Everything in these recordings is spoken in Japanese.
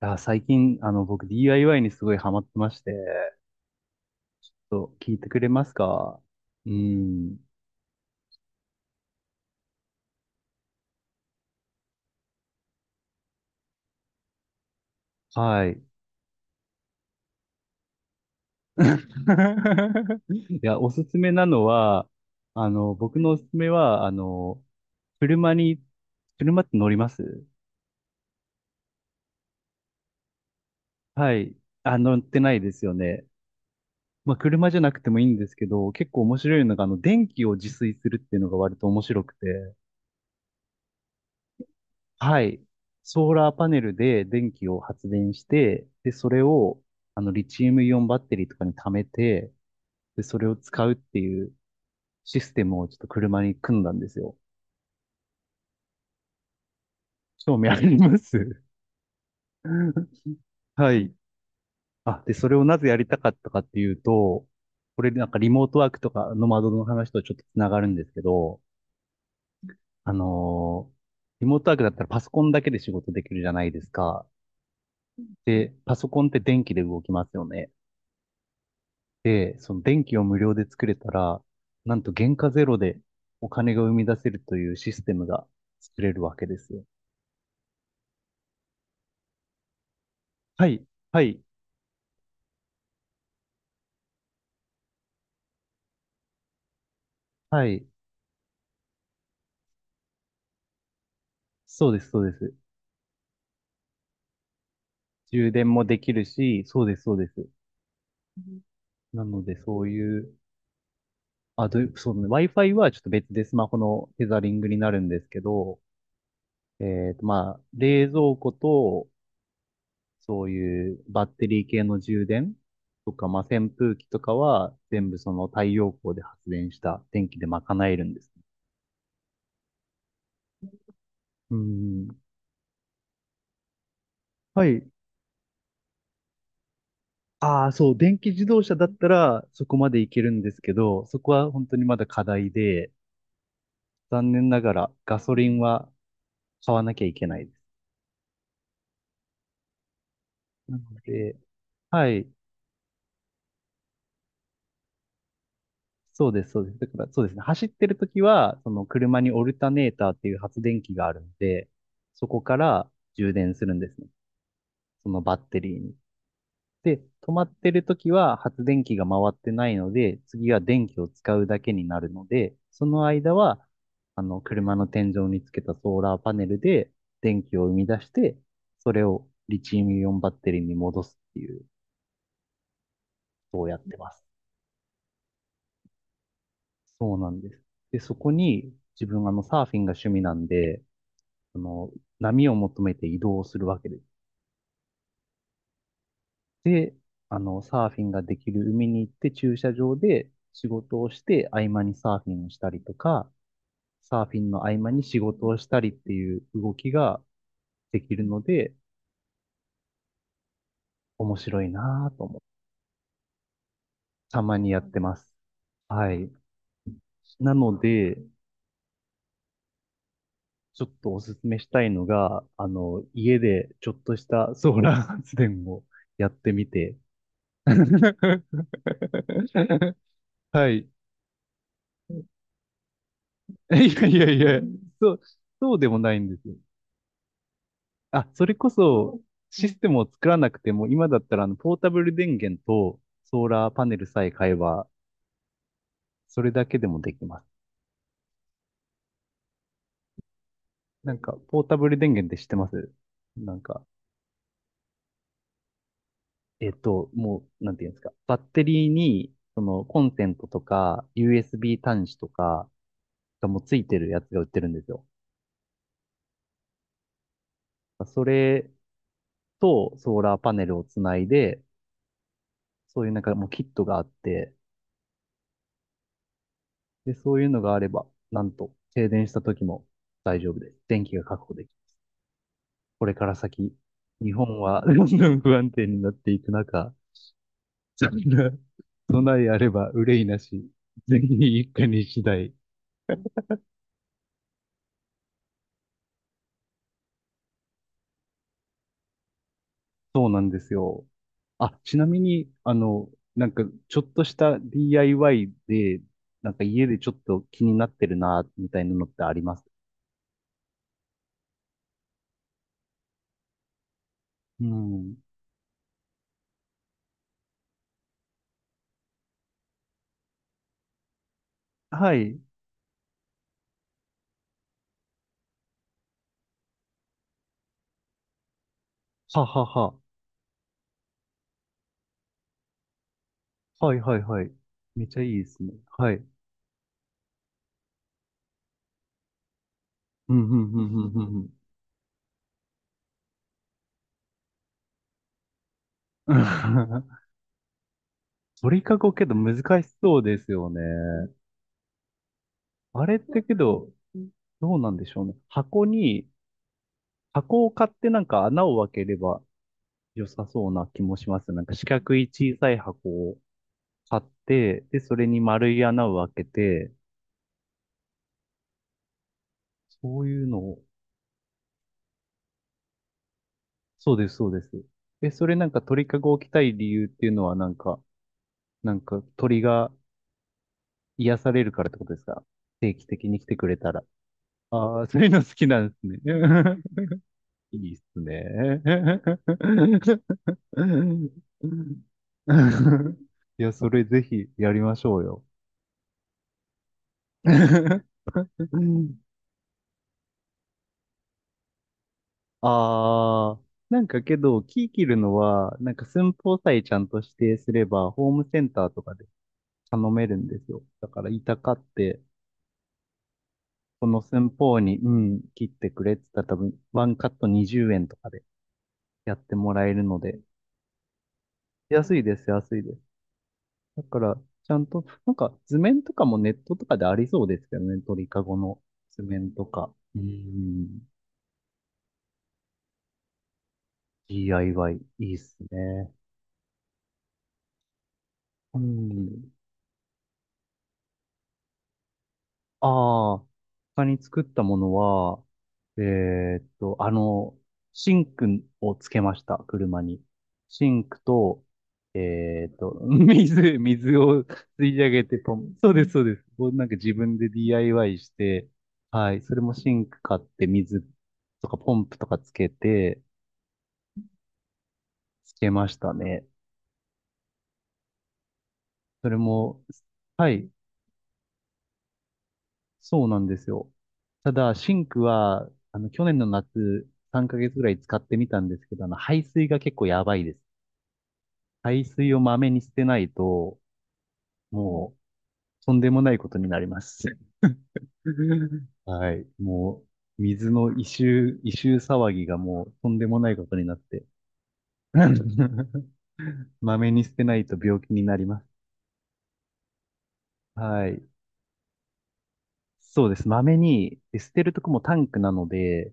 あ、最近、僕 DIY にすごいハマってまして、聞いてくれますか？うん。はい。いや、おすすめなのは、僕のおすすめは、車に、車って乗りますはい。あ、乗ってないですよね。まあ、車じゃなくてもいいんですけど、結構面白いのが、電気を自炊するっていうのが割と面白くて。はい。ソーラーパネルで電気を発電して、で、それを、リチウムイオンバッテリーとかに貯めて、で、それを使うっていうシステムをちょっと車に組んだんですよ。興味あります？ はい。あ、で、それをなぜやりたかったかっていうと、これなんかリモートワークとかノマドの話とちょっとつながるんですけど、あのーリモートワークだったらパソコンだけで仕事できるじゃないですか。で、パソコンって電気で動きますよね。で、その電気を無料で作れたら、なんと原価ゼロでお金が生み出せるというシステムが作れるわけですよ。はい、はい、はい。そうです、そうです。充電もできるし、そうです、そうです。うん。なので、そういう、そうね、Wi-Fi はちょっと別でスマホのテザリングになるんですけど、まあ、冷蔵庫とそういうバッテリー系の充電とか、まあ、扇風機とかは全部その太陽光で発電した電気で賄えるんです。うん。はい。ああ、そう、電気自動車だったらそこまでいけるんですけど、そこは本当にまだ課題で、残念ながらガソリンは買わなきゃいけないです。なので、はい。そうです、そうです。だから、そうですね。走ってるときは、その車にオルタネーターっていう発電機があるんで、そこから充電するんですね。そのバッテリーに。で、止まってる時は発電機が回ってないので、次は電気を使うだけになるので、その間は、車の天井につけたソーラーパネルで電気を生み出して、それをリチウムイオンバッテリーに戻すっていう、そうやってます。そうなんです。で、そこに自分サーフィンが趣味なんで、あの、波を求めて移動するわけです。で、サーフィンができる海に行って駐車場で仕事をして合間にサーフィンをしたりとか、サーフィンの合間に仕事をしたりっていう動きができるので、面白いなぁと思ってたまにやってます。はい。なので、ちょっとおすすめしたいのが、家でちょっとしたソーラー発電をやってみて。はい。いやいやいや、そう、そうでもないんですよ。あ、それこそ、システムを作らなくても、今だったらポータブル電源とソーラーパネルさえ買えば、それだけでもできます。なんか、ポータブル電源って知ってます？なんか、もう、なんていうんですか。バッテリーに、その、コンセントとか、USB 端子とかがもうついてるやつが売ってるんですよ。それと、ソーラーパネルをつないで、そういうなんかもうキットがあって、で、そういうのがあれば、なんと、停電した時も大丈夫です。電気が確保できる。これから先、日本はどんどん不安定になっていく中、そんな備えあれば憂いなし。全員一家に一台。そうなんですよ。あ、ちなみに、なんか、ちょっとした DIY で、なんか家でちょっと気になってるな、みたいなのってあります？うん。はい。ははは。はいはいはい。めちゃいいですね。はい。うん、うん、うん、うん、うんうん。鳥かごけど難しそうですよね。あれってけど、どうなんでしょうね。箱を買ってなんか穴を開ければ良さそうな気もします。なんか四角い小さい箱を買って、で、それに丸い穴を開けて、そういうのを、そうです、そうです。え、それなんか鳥かごを置きたい理由っていうのはなんか、なんか鳥が癒されるからってことですか？定期的に来てくれたら。ああ、そういうの好きなんですね。いいっすね。いや、それぜひやりましょうよ。ああ、なんかけど、キー切るのは、なんか寸法さえちゃんと指定すれば、ホームセンターとかで頼めるんですよ。だから、板買って、この寸法に、うん、切ってくれって言ったら多分、ワンカット20円とかでやってもらえるので、安いです、安いです。だから、ちゃんと、なんか図面とかもネットとかでありそうですけどね、鳥かごの図面とか。うん、DIY、いいっすね。うん。ああ、他に作ったものは、えーっと、あの、シンクをつけました、車に。シンクと、水を吸い上げてポン。そうです、そうです。もうなんか自分で DIY して、はい、それもシンク買って水とかポンプとかつけて、つけましたね。それも、はい、そうなんですよ。ただ、シンクは、去年の夏、3ヶ月ぐらい使ってみたんですけど、排水が結構やばいです。排水をまめに捨てないと、もう、とんでもないことになります。はい。もう、水の異臭騒ぎがもう、とんでもないことになって。まめに捨てないと病気になります。はい。そうです。まめに、で捨てるとこもタンクなので、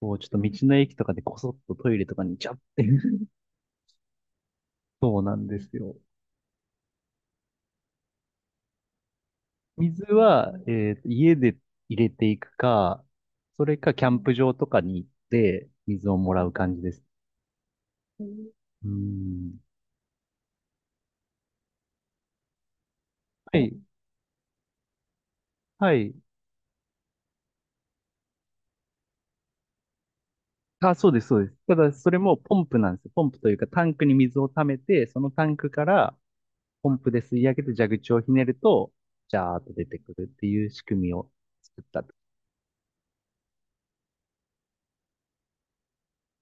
こう、ちょっと道の駅とかでこそっとトイレとかにちゃってそうなんですよ。水は、家で入れていくか、それかキャンプ場とかに行って水をもらう感じです。うん。はい。はい。あ、そうです、そうです。ただ、それもポンプなんですよ。ポンプというか、タンクに水を溜めて、そのタンクからポンプで吸い上げて蛇口をひねると、ジャーっと出てくるっていう仕組みを作ったと。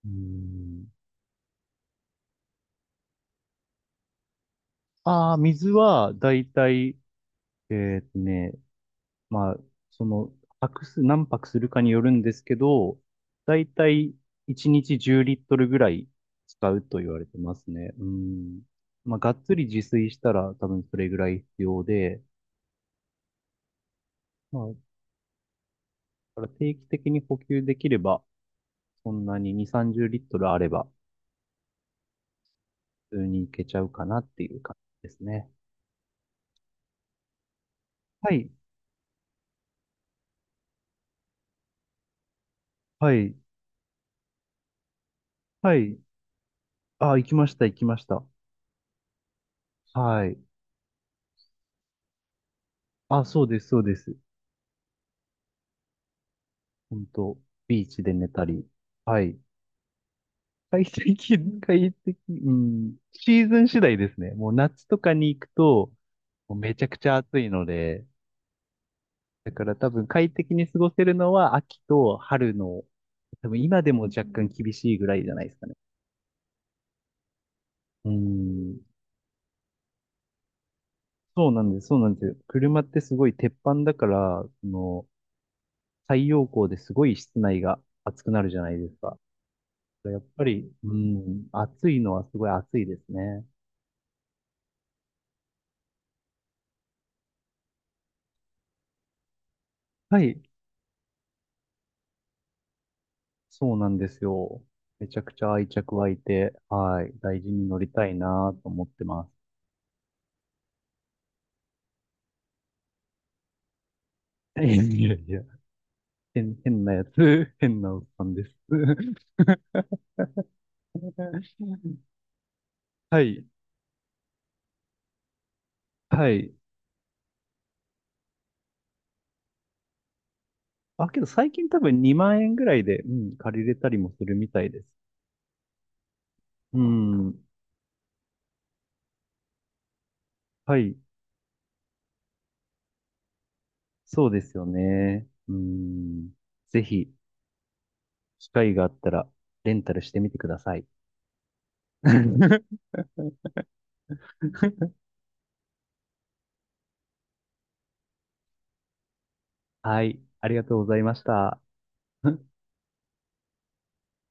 うーん。ああ、水は、だいたい、えーっとね、まあ、その、何泊するかによるんですけど、だいたい1日10リットルぐらい使うと言われてますね。うん。まあ、がっつり自炊したら多分それぐらい必要で、まあ、だから定期的に補給できれば、そんなに2、30リットルあれば、普通にいけちゃうかなっていう感じですね。はい、はい、はい。あ、行きました、行きました。はい。あ、そうです、そうです。本当ビーチで寝たり。はい。快適、快適、うん。シーズン次第ですね。もう夏とかに行くと、もうめちゃくちゃ暑いので、だから多分快適に過ごせるのは秋と春の、多分今でも若干厳しいぐらいじゃないですかね。うん。そうなんです、そうなんですよ。車ってすごい鉄板だから、その、太陽光ですごい室内が暑くなるじゃないですか。やっぱり、うん、暑いのはすごい暑いですね。はい。そうなんですよ。めちゃくちゃ愛着湧いて、はい、大事に乗りたいなと思ってます。いやいやいや、変なやつ、変なおっさんです。はい、はい。あ、けど最近多分2万円ぐらいで、うん、借りれたりもするみたいです。うん、はい、そうですよね。うん、ぜひ、機会があったら、レンタルしてみてください。はい、ありがとうございました。